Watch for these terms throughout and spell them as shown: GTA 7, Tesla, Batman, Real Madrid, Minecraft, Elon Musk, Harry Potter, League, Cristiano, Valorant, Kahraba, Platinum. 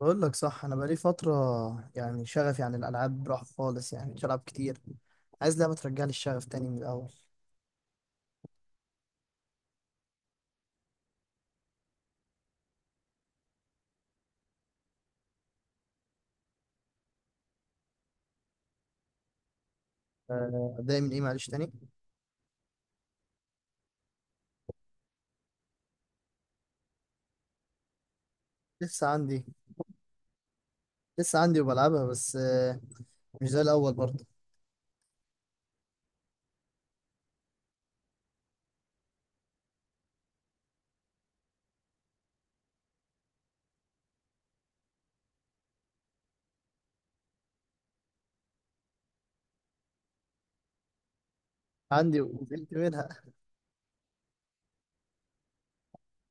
بقول لك صح، انا بقالي فتره يعني شغفي عن الالعاب راح خالص، يعني مش العب كتير. عايز لعبه ترجع لي الشغف تاني من الاول. آه، ابدا من ايه معلش تاني. لسه عندي. لسه عندي وبلعبها بس مش زي الاول برضه. عندي وزهقت منها.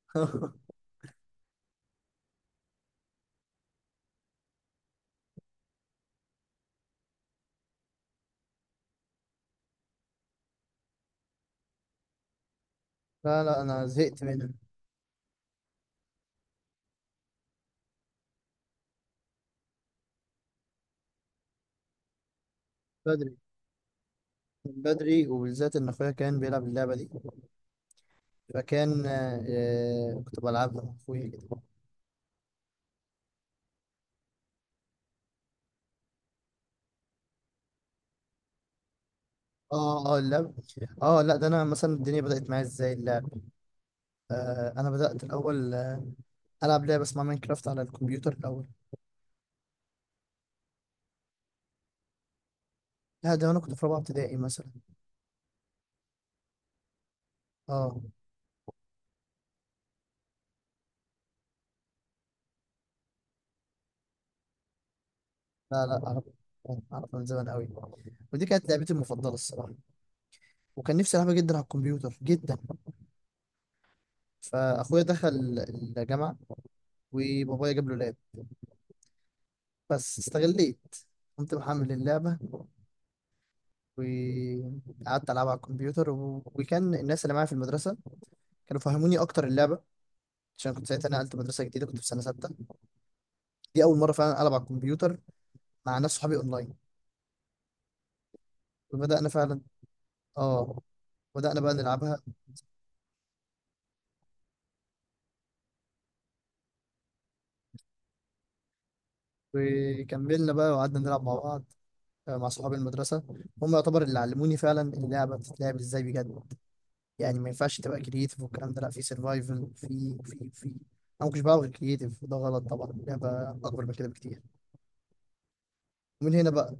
لا لا، انا زهقت منها. بدري، من بدري وبالذات ان اخويا كان بيلعب اللعبه دي، فكان كنت بلعبها مع اخويا كده. اه اه اللعبه. اه، لا ده انا مثلا الدنيا بدات معايا ازاي. انا بدات الاول، العب لعبه اسمها ماينكرافت على الكمبيوتر الاول. لا، ده انا كنت في رابعه ابتدائي مثلا. اه. لا لا، اعرف. اعرف من زمان قوي، ودي كانت لعبتي المفضله الصراحه، وكان نفسي العبها جدا على الكمبيوتر جدا. فاخويا دخل الجامعه، وبابايا جاب له لاب، بس استغليت، قمت محمل اللعبه وقعدت العبها على الكمبيوتر و... وكان الناس اللي معايا في المدرسه كانوا فهموني اكتر اللعبه، عشان كنت ساعتها نقلت مدرسه جديده، كنت في سنه سته. دي اول مره فعلا العب على الكمبيوتر مع ناس صحابي اونلاين، وبدأنا فعلا. اه. بدأنا بقى نلعبها، وكملنا بقى وقعدنا نلعب مع بعض، آه، مع صحاب المدرسة. هم يعتبر اللي علموني فعلا اللعبة بتتلعب ازاي بجد. يعني ما ينفعش تبقى كرييتيف والكلام ده، لا، في سرفايفل، في انا ما كنتش بعرف غير كرييتيف، وده غلط طبعا، اللعبة اكبر من كده بكتير. ومن هنا بقى.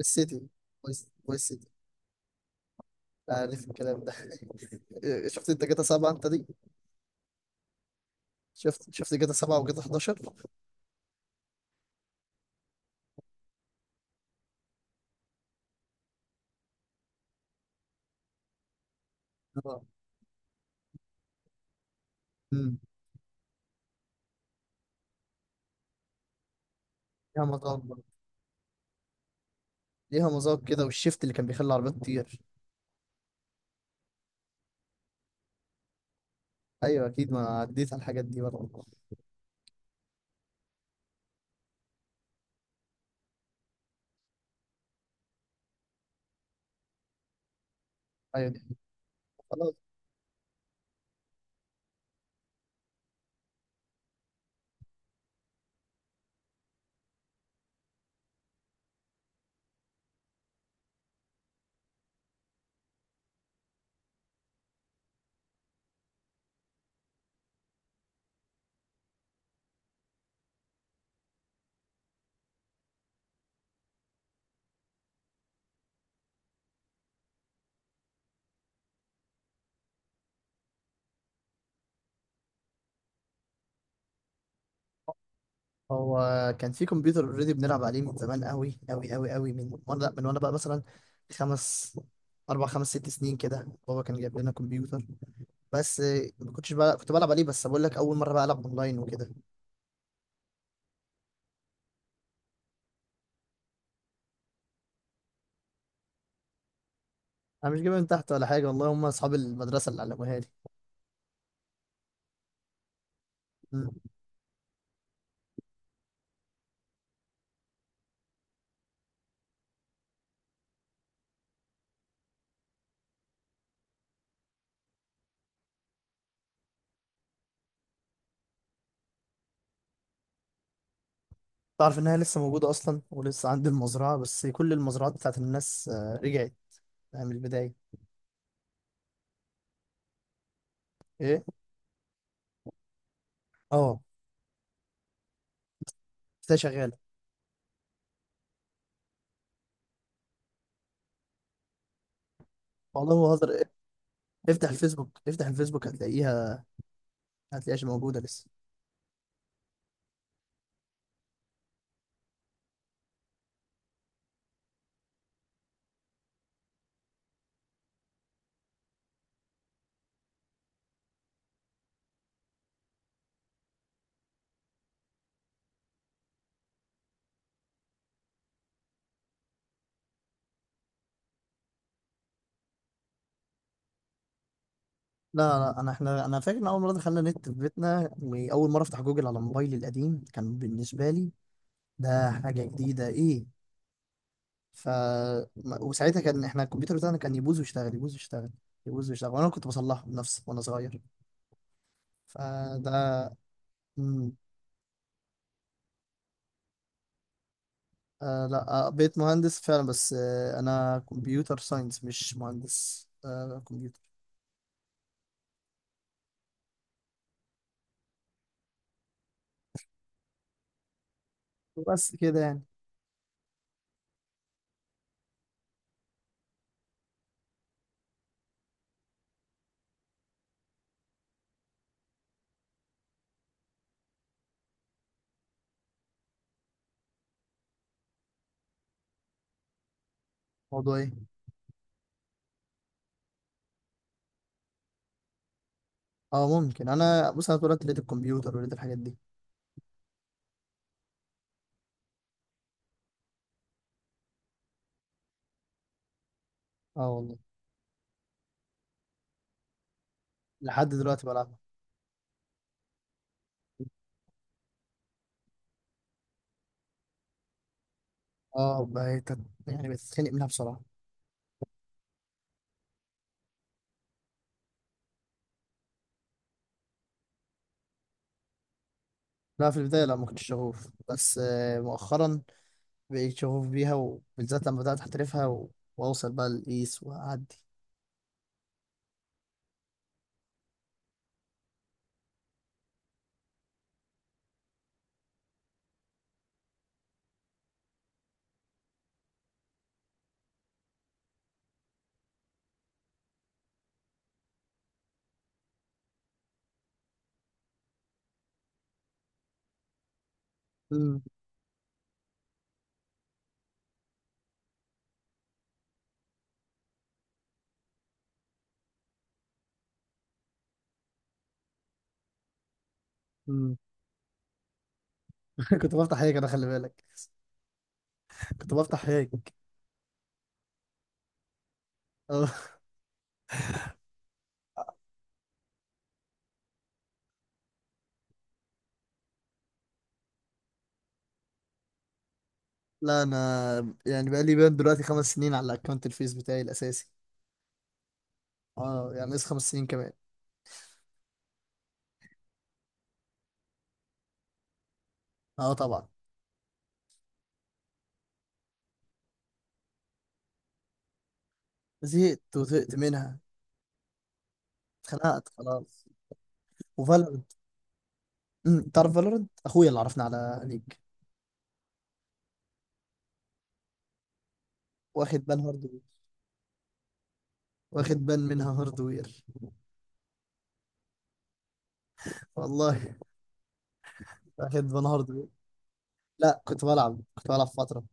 السيتي والسيتي. عارف الكلام ده. شفت انت جاتا سبعة انت دي؟ شفت شفت جاتا سبعة وجاتا 11. اه. أمم. يا مطار، ليها مذاق كده، والشيفت اللي كان بيخلي العربيات تطير. ايوه اكيد، ما عديت على الحاجات دي برضه. ايوه دي. خلاص. هو كان في كمبيوتر اوريدي بنلعب عليه من زمان قوي قوي قوي قوي، من وانا لا، من وانا بقى مثلا خمس، اربع خمس ست سنين كده، بابا كان جايب لنا كمبيوتر. بس ما كنتش بقى كنت بلعب عليه، بس بقول لك اول مره بقى العب اونلاين وكده. انا مش جايبها من تحت ولا حاجه والله، هم اصحاب المدرسه اللي علموها لي. مم. تعرف انها لسه موجوده اصلا، ولسه عندي المزرعه، بس كل المزرعات بتاعت الناس، آه، رجعت يعني من البدايه. ايه. اه. لسه شغاله. والله ما بهزر، افتح الفيسبوك افتح الفيسبوك هتلاقيها. هتلاقيهاش موجوده لسه. لا لا، انا فاكر ان اول مره دخلنا نت في بيتنا، واول مره افتح جوجل على موبايلي القديم كان بالنسبه لي ده حاجه جديده، ايه. ف ما- وساعتها كان احنا الكمبيوتر بتاعنا كان يبوظ ويشتغل يبوظ ويشتغل يبوظ ويشتغل، وانا كنت بصلحه بنفسي وانا صغير. فده. مم. آه، لا بقيت مهندس فعلا، بس انا كمبيوتر ساينس، مش مهندس كمبيوتر. بس كده يعني. موضوع إيه؟ اه ممكن. انا بص، انا طول الوقت لقيت الكمبيوتر ولقيت الحاجات دي. اه والله. لحد دلوقتي بلعبها. اه، بقيت يعني بتتخنق منها بصراحه. لا، في البدايه لا ما كنتش شغوف، بس مؤخرا بقيت شغوف بيها، وبالذات لما بدات احترفها و... واوصل بقى للقيس واعدي. مم، مم. كنت بفتح هيك انا خلي بالك. كنت بفتح هيك. اه. لا انا يعني بقى لي بين دلوقتي خمس سنين على الاكونت الفيس بتاعي الاساسي. اه، يعني لسه خمس سنين كمان. اه طبعا. زهقت وزهقت منها. اتخنقت خلاص. وفالورنت. امم، تعرف فالورنت، اخويا اللي عرفنا على ليج. واخد بان هاردوير. واخد بان منها هاردوير. والله. واخد بان هاردوير. لا، كنت بلعب فترة.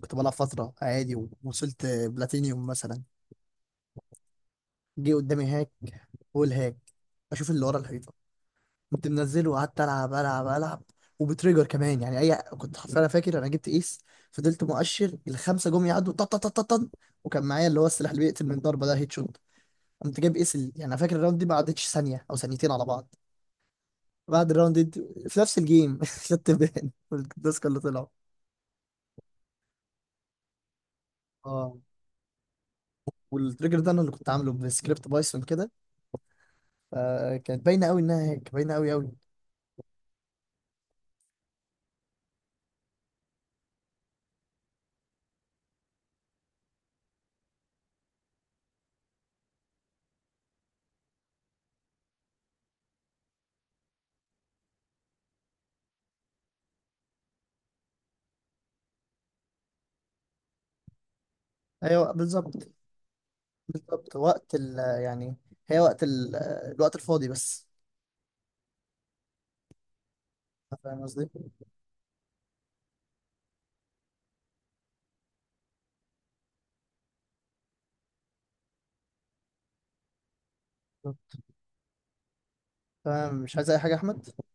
كنت بلعب فترة عادي، ووصلت بلاتينيوم مثلا. جه قدامي هاك. بقول هاك. اشوف اللي ورا الحيطة. كنت منزله وقعدت العب العب العب. وبتريجر كمان يعني، اي، كنت حرفيا، انا فاكر انا جبت ايس. فضلت مؤشر الخمسة جم يعدوا، طن طن طن طن طن، وكان معايا اللي هو السلاح اللي بيقتل من ضربة، ده هيد شوت. قمت جايب ايس يعني انا فاكر الراوند دي ما عدتش ثانية او ثانيتين على بعض. بعد الراوند دي، في نفس الجيم، خدت بالي، والديسك اللي طلعوا، اه، والتريجر ده انا اللي كنت عامله بسكريبت بايثون كده، فكانت باينه قوي انها هيك، باينه قوي قوي. ايوه بالظبط. بالظبط، وقت ال يعني، هي وقت ال الوقت الفاضي بس. فاهم قصدي؟ فاهم، مش عايز اي حاجه يا احمد؟